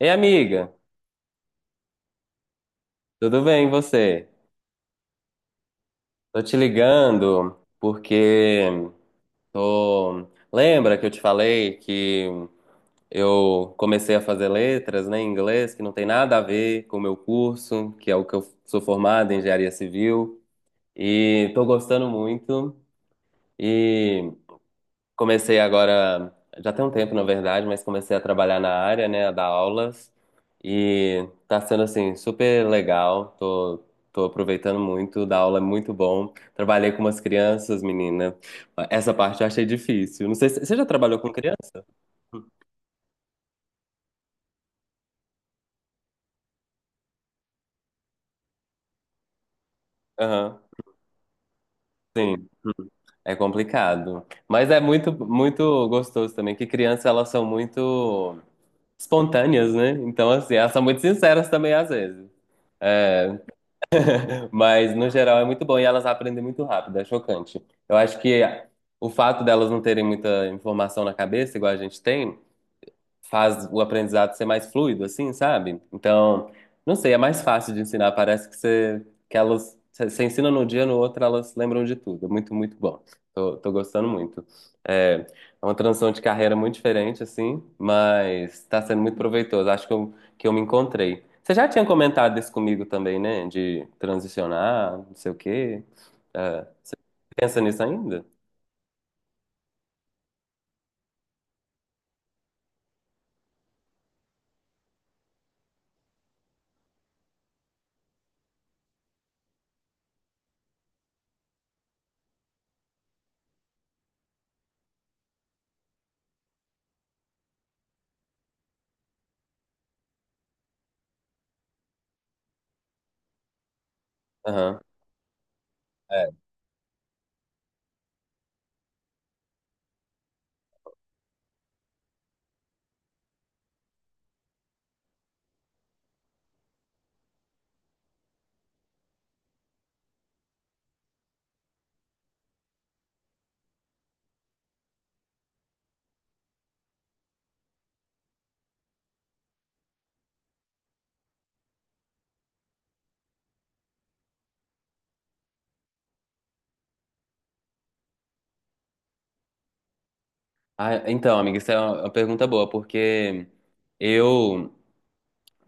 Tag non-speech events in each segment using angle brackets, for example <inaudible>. Ei, amiga, tudo bem e você? Tô te ligando porque tô. Lembra que eu te falei que eu comecei a fazer letras, né, em inglês, que não tem nada a ver com o meu curso, que é o que eu sou formado em engenharia civil, e tô gostando muito. E Comecei agora, já tem um tempo, na verdade, mas comecei a trabalhar na área, né, a dar aulas. E tá sendo, assim, super legal. Tô aproveitando muito, dar aula é muito bom. Trabalhei com umas crianças, menina. Essa parte eu achei difícil. Não sei se você já trabalhou com criança? Aham. Sim, é complicado. Mas é muito, muito gostoso também, que crianças, elas são muito espontâneas, né? Então, assim, elas são muito sinceras também, às vezes. É, Mas, no geral, é muito bom e elas aprendem muito rápido, é chocante. Eu acho que o fato delas não terem muita informação na cabeça, igual a gente tem, faz o aprendizado ser mais fluido, assim, sabe? Então, não sei, é mais fácil de ensinar. Parece que você, que elas, você ensina num dia, no outro, elas lembram de tudo. É muito, muito bom. Tô gostando muito. É uma transição de carreira muito diferente, assim, mas tá sendo muito proveitoso. Acho que que eu me encontrei. Você já tinha comentado isso comigo também, né? De transicionar, não sei o quê. É, pensa nisso ainda? Aham. É. Ah, então, amiga, isso é uma pergunta boa, porque eu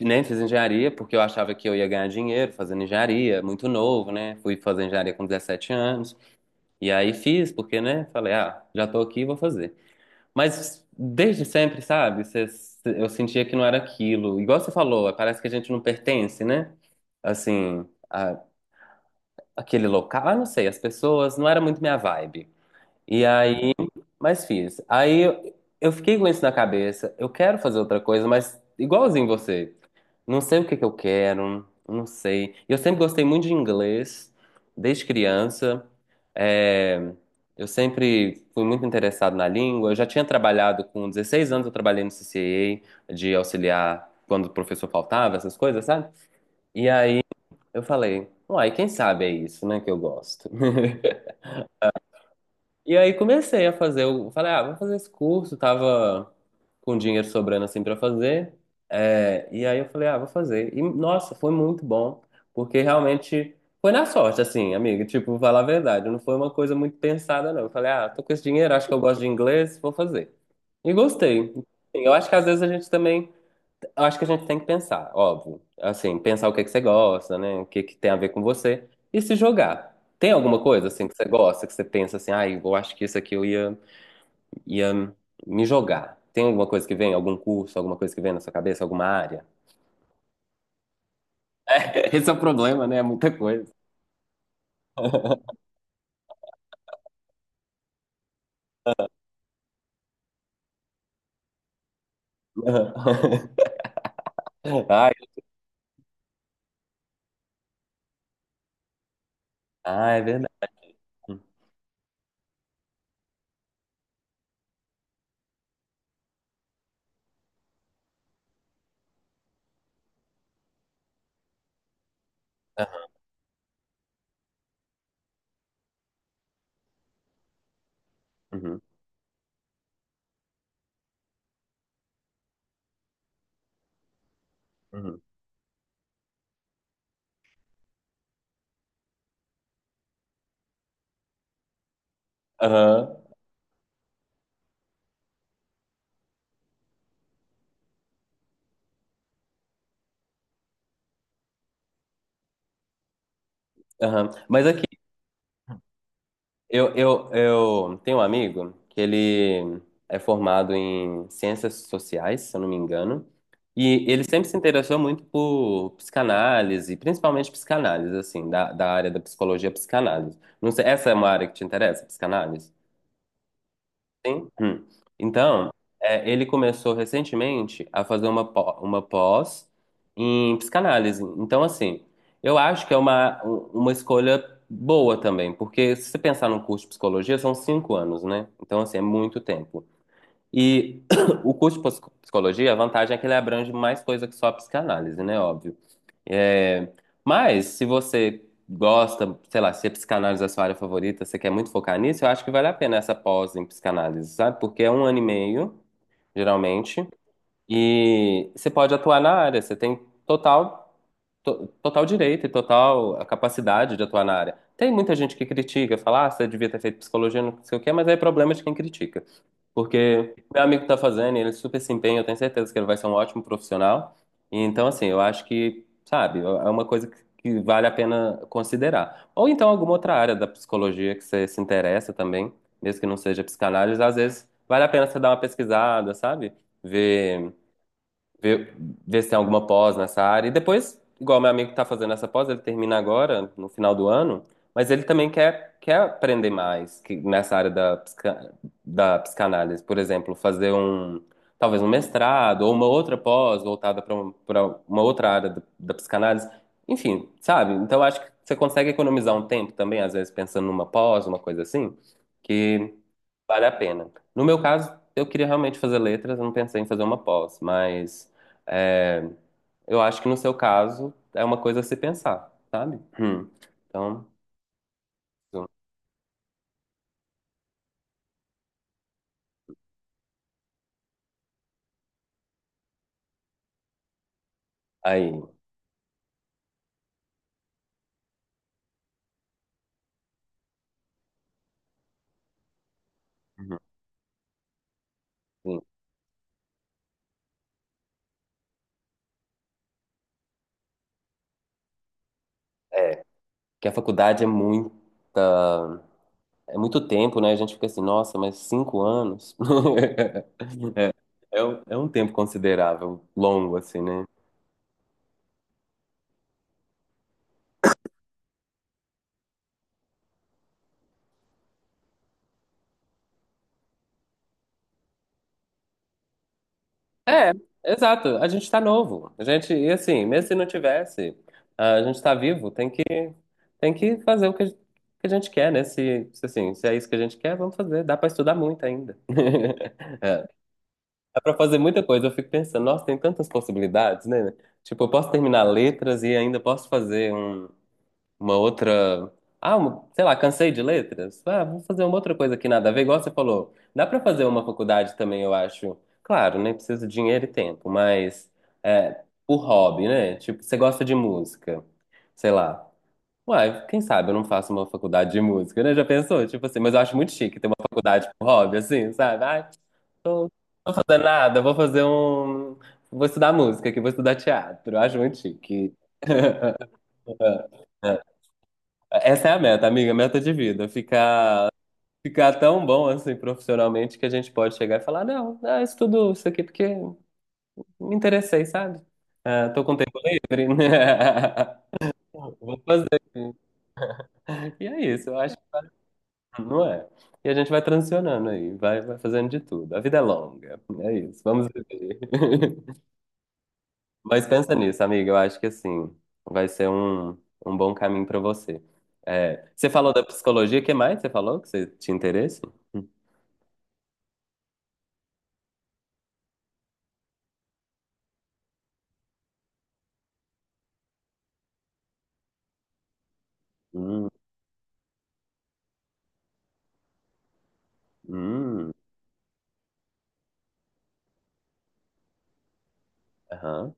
nem fiz engenharia, porque eu achava que eu ia ganhar dinheiro fazendo engenharia, muito novo, né? Fui fazer engenharia com 17 anos. E aí fiz, porque, né? Falei, ah, já tô aqui, vou fazer. Mas desde sempre, sabe? Eu sentia que não era aquilo. Igual você falou, parece que a gente não pertence, né? Assim, a- aquele local, ah, não sei, as pessoas, não era muito minha vibe. E aí, mas fiz. Aí eu fiquei com isso na cabeça, eu quero fazer outra coisa, mas igualzinho você. Não sei o que que eu quero, não sei. Eu sempre gostei muito de inglês, desde criança. É, eu sempre fui muito interessado na língua. Eu já tinha trabalhado com 16 anos, eu trabalhei no CCA de auxiliar quando o professor faltava, essas coisas, sabe? E aí eu falei, uai, quem sabe é isso, né, que eu gosto. <laughs> E aí comecei a fazer, eu falei, ah, vou fazer esse curso, tava com dinheiro sobrando assim pra fazer. É, e aí eu falei, ah, vou fazer. E nossa, foi muito bom, porque realmente foi na sorte, assim, amiga, tipo, falar a verdade, não foi uma coisa muito pensada, não. Eu falei, ah, tô com esse dinheiro, acho que eu gosto de inglês, vou fazer. E gostei. Assim, eu acho que às vezes a gente também eu acho que a gente tem que pensar, óbvio. Assim, pensar o que é que você gosta, né? O que é que tem a ver com você e se jogar. Tem alguma coisa assim que você gosta, que você pensa assim, ai, eu acho que isso aqui eu ia, ia me jogar. Tem alguma coisa que vem, algum curso, alguma coisa que vem na sua cabeça, alguma área? <laughs> Esse é o problema, né? É muita coisa. <laughs> Ai, ah, é verdade. Aham, uhum, uhum. Aham, aham. Mas aqui eu tenho um amigo que ele é formado em ciências sociais, se eu não me engano, e ele sempre se interessou muito por psicanálise, principalmente psicanálise, assim, da, da área da psicologia psicanálise. Não sei, essa é uma área que te interessa, psicanálise? Sim. Hum. Então, é, ele começou recentemente a fazer uma pós em psicanálise. Então, assim, eu acho que é uma, uma escolha boa também, porque se você pensar no curso de psicologia, são 5 anos, né? Então, assim, é muito tempo. E <coughs> <clears throat> o curso de psicologia, a vantagem é que ele abrange mais coisa que só a psicanálise, né? Óbvio. É, mas, se você gosta, sei lá, se a psicanálise é a sua área favorita, você quer muito focar nisso, eu acho que vale a pena essa pós em psicanálise, sabe? Porque é um ano e meio, geralmente, e você pode atuar na área, você tem total, total direito e total a capacidade de atuar na área. Tem muita gente que critica, fala, ah, você devia ter feito psicologia, não sei o quê, mas aí é problema de quem critica. Porque meu amigo tá fazendo, e ele super se empenha, eu tenho certeza que ele vai ser um ótimo profissional. E então, assim, eu acho que, sabe, é uma coisa que vale a pena considerar. Ou então alguma outra área da psicologia que você se interessa também, mesmo que não seja psicanálise, às vezes vale a pena você dar uma pesquisada, sabe? Ver Ver, ver se tem alguma pós nessa área. E depois, igual meu amigo tá fazendo essa pós, ele termina agora, no final do ano, mas ele também quer aprender mais que, nessa área da, da psicanálise. Por exemplo, fazer um, talvez um mestrado ou uma outra pós voltada para um, para uma outra área da, da psicanálise. Enfim, sabe? Então acho que você consegue economizar um tempo também, às vezes pensando numa pós, uma coisa assim, que vale a pena. No meu caso, eu queria realmente fazer letras, eu não pensei em fazer uma pós, mas é, eu acho que no seu caso é uma coisa a se pensar, sabe? Hum. Então, aí. Uhum. Sim. Que a faculdade é muito tempo, né? A gente fica assim, nossa, mas 5 anos? <laughs> É, é um tempo considerável, longo, assim, né? É, exato. A gente tá novo. A gente, e assim, mesmo se não tivesse, a gente tá vivo, tem que fazer o que, que a gente quer, né? Se, assim, se é isso que a gente quer, vamos fazer. Dá pra estudar muito ainda. <laughs> É, dá pra fazer muita coisa. Eu fico pensando, nossa, tem tantas possibilidades, né? Tipo, eu posso terminar letras e ainda posso fazer uma outra. Ah, sei lá, cansei de letras. Ah, vou fazer uma outra coisa que nada a ver, igual você falou. Dá pra fazer uma faculdade também, eu acho. Claro, né? Precisa de dinheiro e tempo, mas é, por hobby, né? Tipo, você gosta de música, sei lá. Uai, quem sabe eu não faço uma faculdade de música, né? Já pensou? Tipo assim, mas eu acho muito chique ter uma faculdade por hobby, assim, sabe? Ah, tô fazendo nada, vou fazer um. Vou estudar música aqui, vou estudar teatro. Eu acho muito chique. Essa é a meta, amiga, meta de vida. Ficar, ficar tão bom assim profissionalmente que a gente pode chegar e falar, não, ah, isso aqui porque me interessei, sabe? Ah, tô com tempo livre. <laughs> Vou fazer. E é isso, eu acho que não é. E a gente vai transicionando aí, vai fazendo de tudo. A vida é longa, é isso, vamos viver. <laughs> Mas pensa nisso, amiga, eu acho que assim, vai ser um, um bom caminho pra você. É, você falou da psicologia, o que mais você falou que você tinha interesse? Hum. Hum. Hum, aham.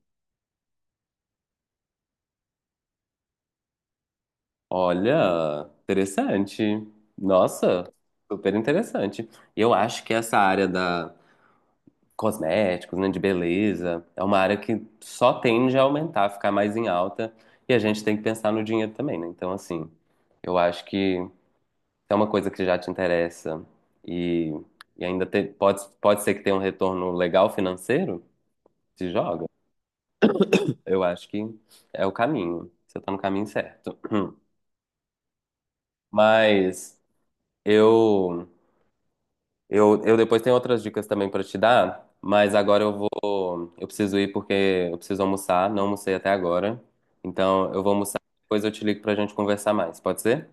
Olha, interessante. Nossa, super interessante. Eu acho que essa área da cosméticos, né, de beleza, é uma área que só tende a aumentar, ficar mais em alta, e a gente tem que pensar no dinheiro também, né? Então, assim, eu acho que se é uma coisa que já te interessa e, e ainda pode, pode ser que tenha um retorno legal financeiro, se joga. Eu acho que é o caminho. Você está no caminho certo. <clears throat> Mas Eu, eu depois tenho outras dicas também pra te dar, mas agora eu preciso ir porque eu preciso almoçar, não almocei até agora. Então eu vou almoçar, depois eu te ligo pra gente conversar mais, pode ser?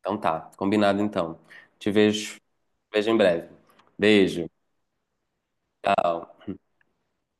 Então tá, combinado então. Te vejo, vejo em breve. Beijo, tchau.